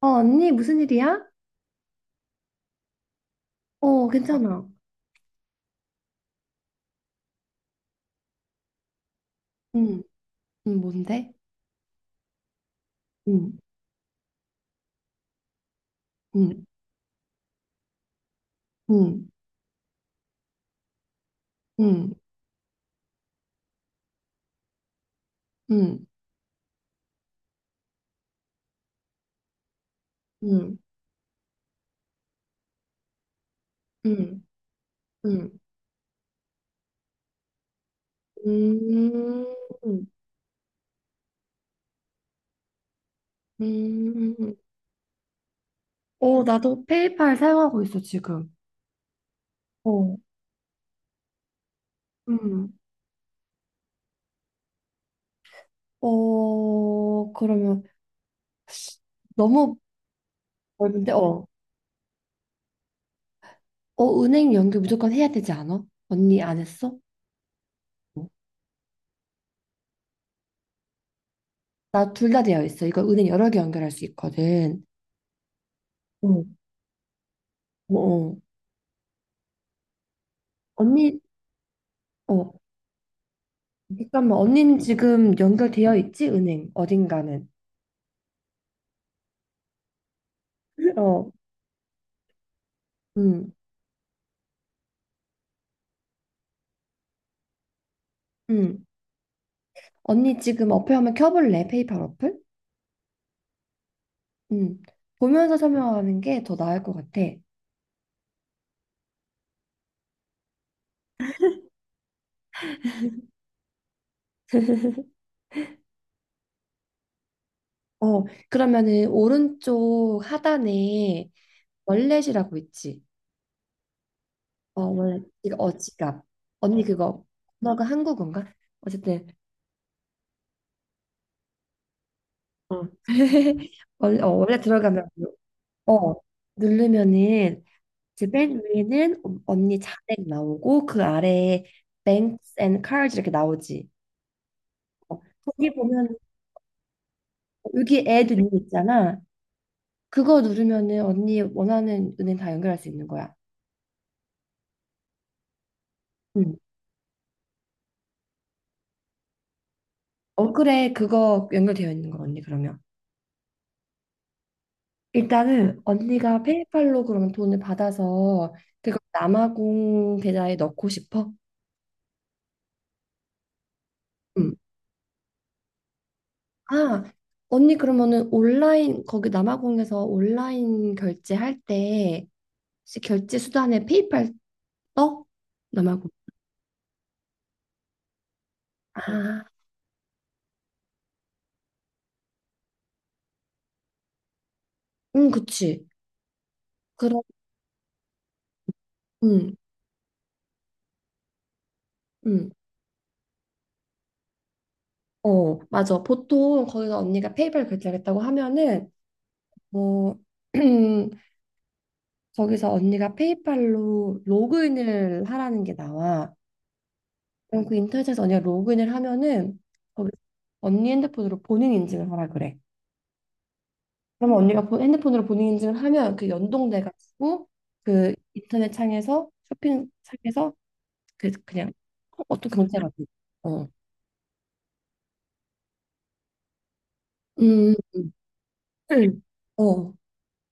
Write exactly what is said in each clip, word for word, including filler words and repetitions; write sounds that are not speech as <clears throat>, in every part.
어, 언니, 무슨 일이야? 어, 어, 괜찮아. 응, 응, 뭔데? 응, 응, 응, 응, 응, 응, 응, 응, 음, 음. 어, 나도 페이팔 사용하고 있어, 지금. 어, 음. 어, 그러면 너무 넓은데, 어, 어, 은행 연결 무조건 해야 되지 않아? 언니 안 했어? 어. 나둘 다 되어 있어. 이거 은행 여러 개 연결할 수 있거든. 어. 어, 어. 언니, 어, 잠깐만, 언니는 지금 연결되어 있지? 은행, 어딘가는. 어, 응, 응. 언니 지금 어플 한번 켜볼래? 페이팔 어플? 응. 보면서 설명하는 게 더 나을 것 같아. 어, 그러면은 오른쪽 하단에 월렛이라고 있지? 어, 월렛, 이거 어, 지갑. 언니 그거, 너가 한국어인가? 어쨌든, 어. <laughs> 월- 어, 원래 들어가면, 어, 누르면은 이제 맨 위에는 어- 언니 자택 나오고 그 아래에 Banks and Cars d 이렇게 나오지. 어, 거기 보면 여기 add 있는 거 있잖아. 그거 누르면은 언니 원하는 은행 다 연결할 수 있는 거야. 응. 어, 그래, 그거 연결되어 있는 거 언니 그러면. 일단은 언니가 페이팔로 그러면 돈을 받아서 그거 남아공 계좌에 넣고 싶어? 응. 아, 언니 그러면은 온라인 거기 남아공에서 온라인 결제할 때 혹시 결제 수단에 페이팔 떠? 나 말고. 아, 응, 그치. 그럼, 응, 응. 어, 맞아. 보통 거기서 언니가 페이팔 결제하겠다고 하면은, 뭐, <clears throat> 거기서 언니가 페이팔로 로그인을 하라는 게 나와. 그럼 그 인터넷에서 언니가 로그인을 하면은, 거기 언니 핸드폰으로 본인 인증을 하라 그래. 그러면 언니가 본- 핸드폰으로 본인 인증을 하면 그 연동돼가지고, 그 인터넷 창에서, 쇼핑 창에서 그래서 그냥 어떤 경제가 돼. 어. 음. 응. 어.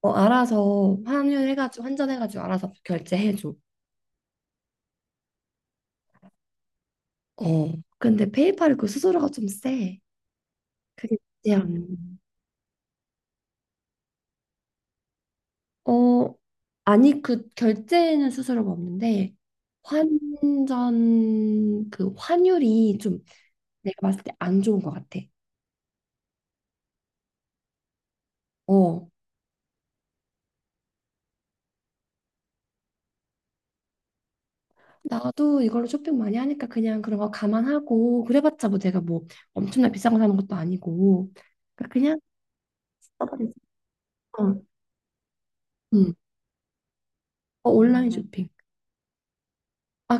어, 알아서 환율해가지고 환전해가지고 알아서 결제해줘. 어. 근데 페이팔이 그 수수료가 좀 세. 그게 문제야. 음. 어. 아니, 그 결제는 수수료가 없는데 환전 그 환율이 좀 내가 봤을 때 안 좋은 것 같아. 어. 나도 이걸로 쇼핑 많이 하니까 그냥 그런 거 감안하고 그래봤자 뭐 내가 뭐 엄청나 비싼 거 사는 것도 아니고 그러니까 그냥 써버리 어, 음. 어, 온라인 음. 쇼핑. 아,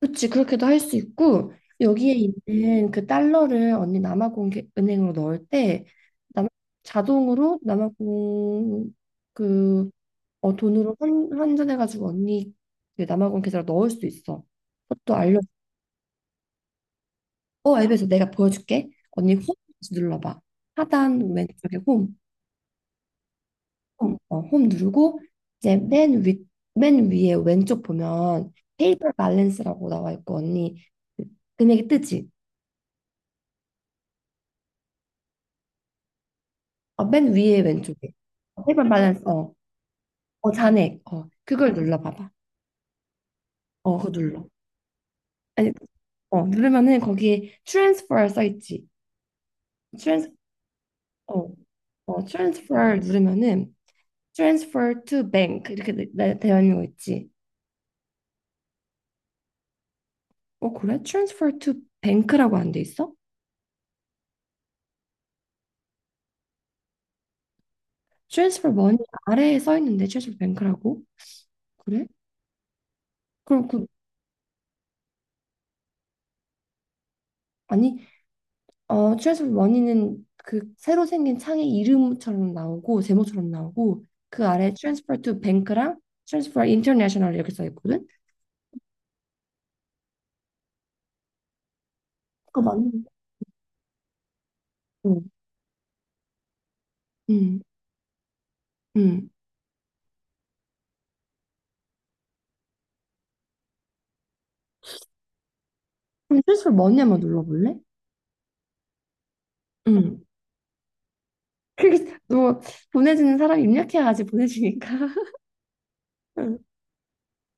그렇지, 그렇게도 할 수 있고, 여기에 있는 그 달러를 언니 남아공은행으로 넣을 때, 남, 자동으로 남아공 그, 어, 돈으로 환, 환전해가지고 언니 그 남아공 계좌로 넣을 수 있어. 그것도 알려. 어, 앱에서 내가 보여줄게. 언니 홈 눌러봐. 하단 왼쪽에 홈. 홈, 어, 홈 누르고 이제 맨 위, 맨 위에 왼쪽 보면 페이퍼 밸런스라고 나와 있고 언니 그 금액이 뜨지? 어, 맨 위에 왼쪽에 어, 페이퍼 밸런스 어, 어 잔액 어 그걸 눌러봐봐. 어, 그거 눌러. 아니, 어 누르면은 거기에 transfer 써 있지. 트랜스 어, 어 transfer 누르면은 transfer to bank 이렇게 되- 되- 되어 있는 거 있지. 어, 그래, transfer to bank라고 안돼 있어? transfer money 아래에 써 있는데 transfer bank라고? 그래? 그럼 그, 아니, 어 트랜스포머 원이는 그 새로 생긴 창의 이름처럼 나오고 제목처럼 나오고 그 아래 트랜스퍼 투 뱅크랑 트랜스퍼 인터내셔널 이렇게 써 있거든. 그거 맞는 거. 응. 응. 그럼 트랜스퍼 원이 한번 눌러볼래? 응. 그게 너 보내주는 사람이 입력해야지 보내주니까. <laughs> 응.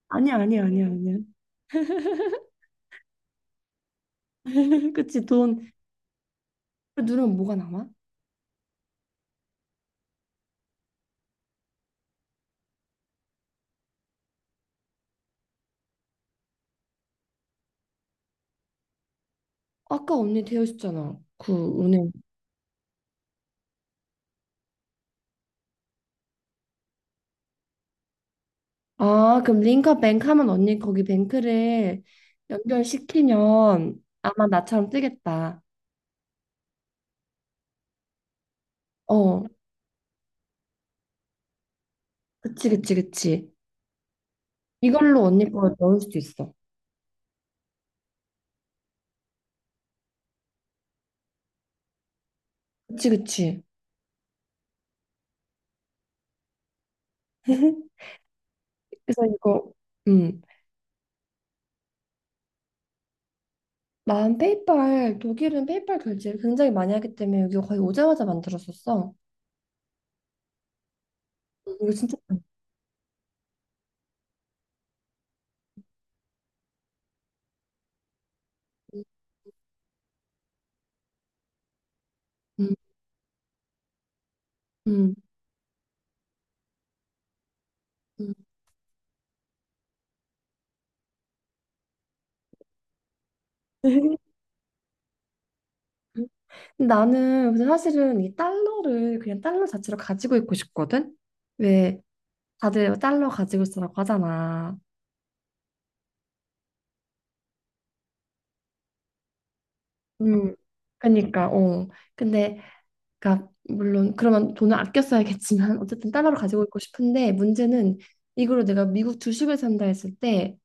아니야, 아니야, 아니야, 아니야. <laughs> 그치, 돈 그 누르면 뭐가 남아? 아까 언니 되어 있었잖아. 그 은행. 아, 그럼 링커뱅크 하면 언니 거기 뱅크를 연결시키면 아마 나처럼 뜨겠다. 어, 그치, 그치, 그치. 이걸로 언니 거 넣을 수도 있어. 그치, 그치. 그래서 이거, 음. 난 페이팔, 독일은 페이팔 결제를 굉장히 많이 하기 때문에 여기 거의 오자마자 만들었었어. 음, 이거 진짜, 많이. 음, 음, 음. <laughs> 나는 근데 사실은 이 달러를 그냥 달러 자체로 가지고 있고 싶거든? 왜 다들 달러 가지고 있으라고 하잖아. 음, 그니까, 어. 근데, 그니까, 물론, 그러면 돈을 아껴 써야겠지만, <laughs> 어쨌든 달러로 가지고 있고 싶은데, 문제는 이걸로 내가 미국 주식을 산다 했을 때,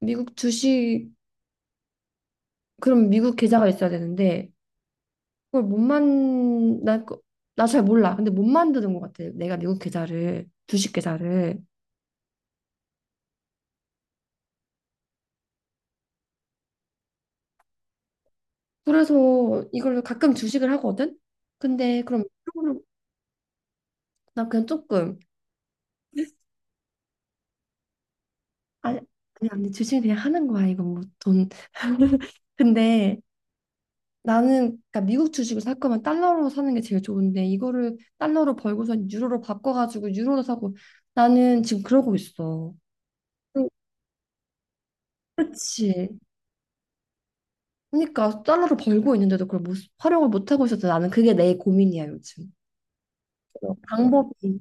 미국 주식, 그럼 미국 계좌가 있어야 되는데, 그걸 못 만, 나, 나 잘 몰라. 근데 못 만드는 것 같아. 내가 미국 계좌를, 주식 계좌를. 그래서 이걸로 가끔 주식을 하거든? 근데, 그럼, 이걸로 나 그냥 조금, 아, 그냥, 주식 그냥 하는 거야. 이건 뭐 돈. <laughs> 근데, 나는 그러니까 미국 주식을 살 거면 달러로 사는 게 제일 좋은데 이거를 달러로 벌고선 유로로 바꿔가지고 유로로 사고 나는 지금 그러고 있어. 응, 그렇지. 그러니까 달러로 벌고 있는데도 그걸 못, 활용을 못 하고 있어서 나는 그게 내 고민이야 요즘. 그래서 방법이.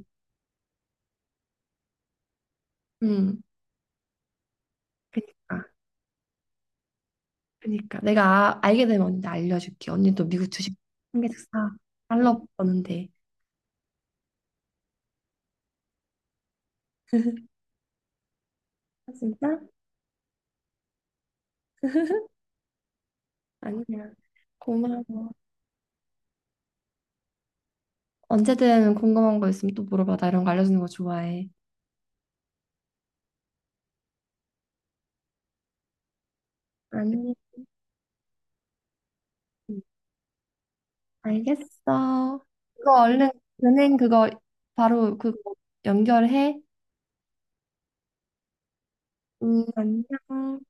음. 그러니까. 그러니까 내가 아- 알게 되면 언니한테 알려줄게. 언니도 미국 주식 한 개씩 사. 달러 버는데. 아, 진짜? 아니야. 고마워. 언제든 궁금한 거 있으면 또 물어봐. 나 이런 거 알려주는 거 좋아해. 아니, 알겠어. 그거 얼른, 은행 그거 바로 그거 연결해. 음, 안녕.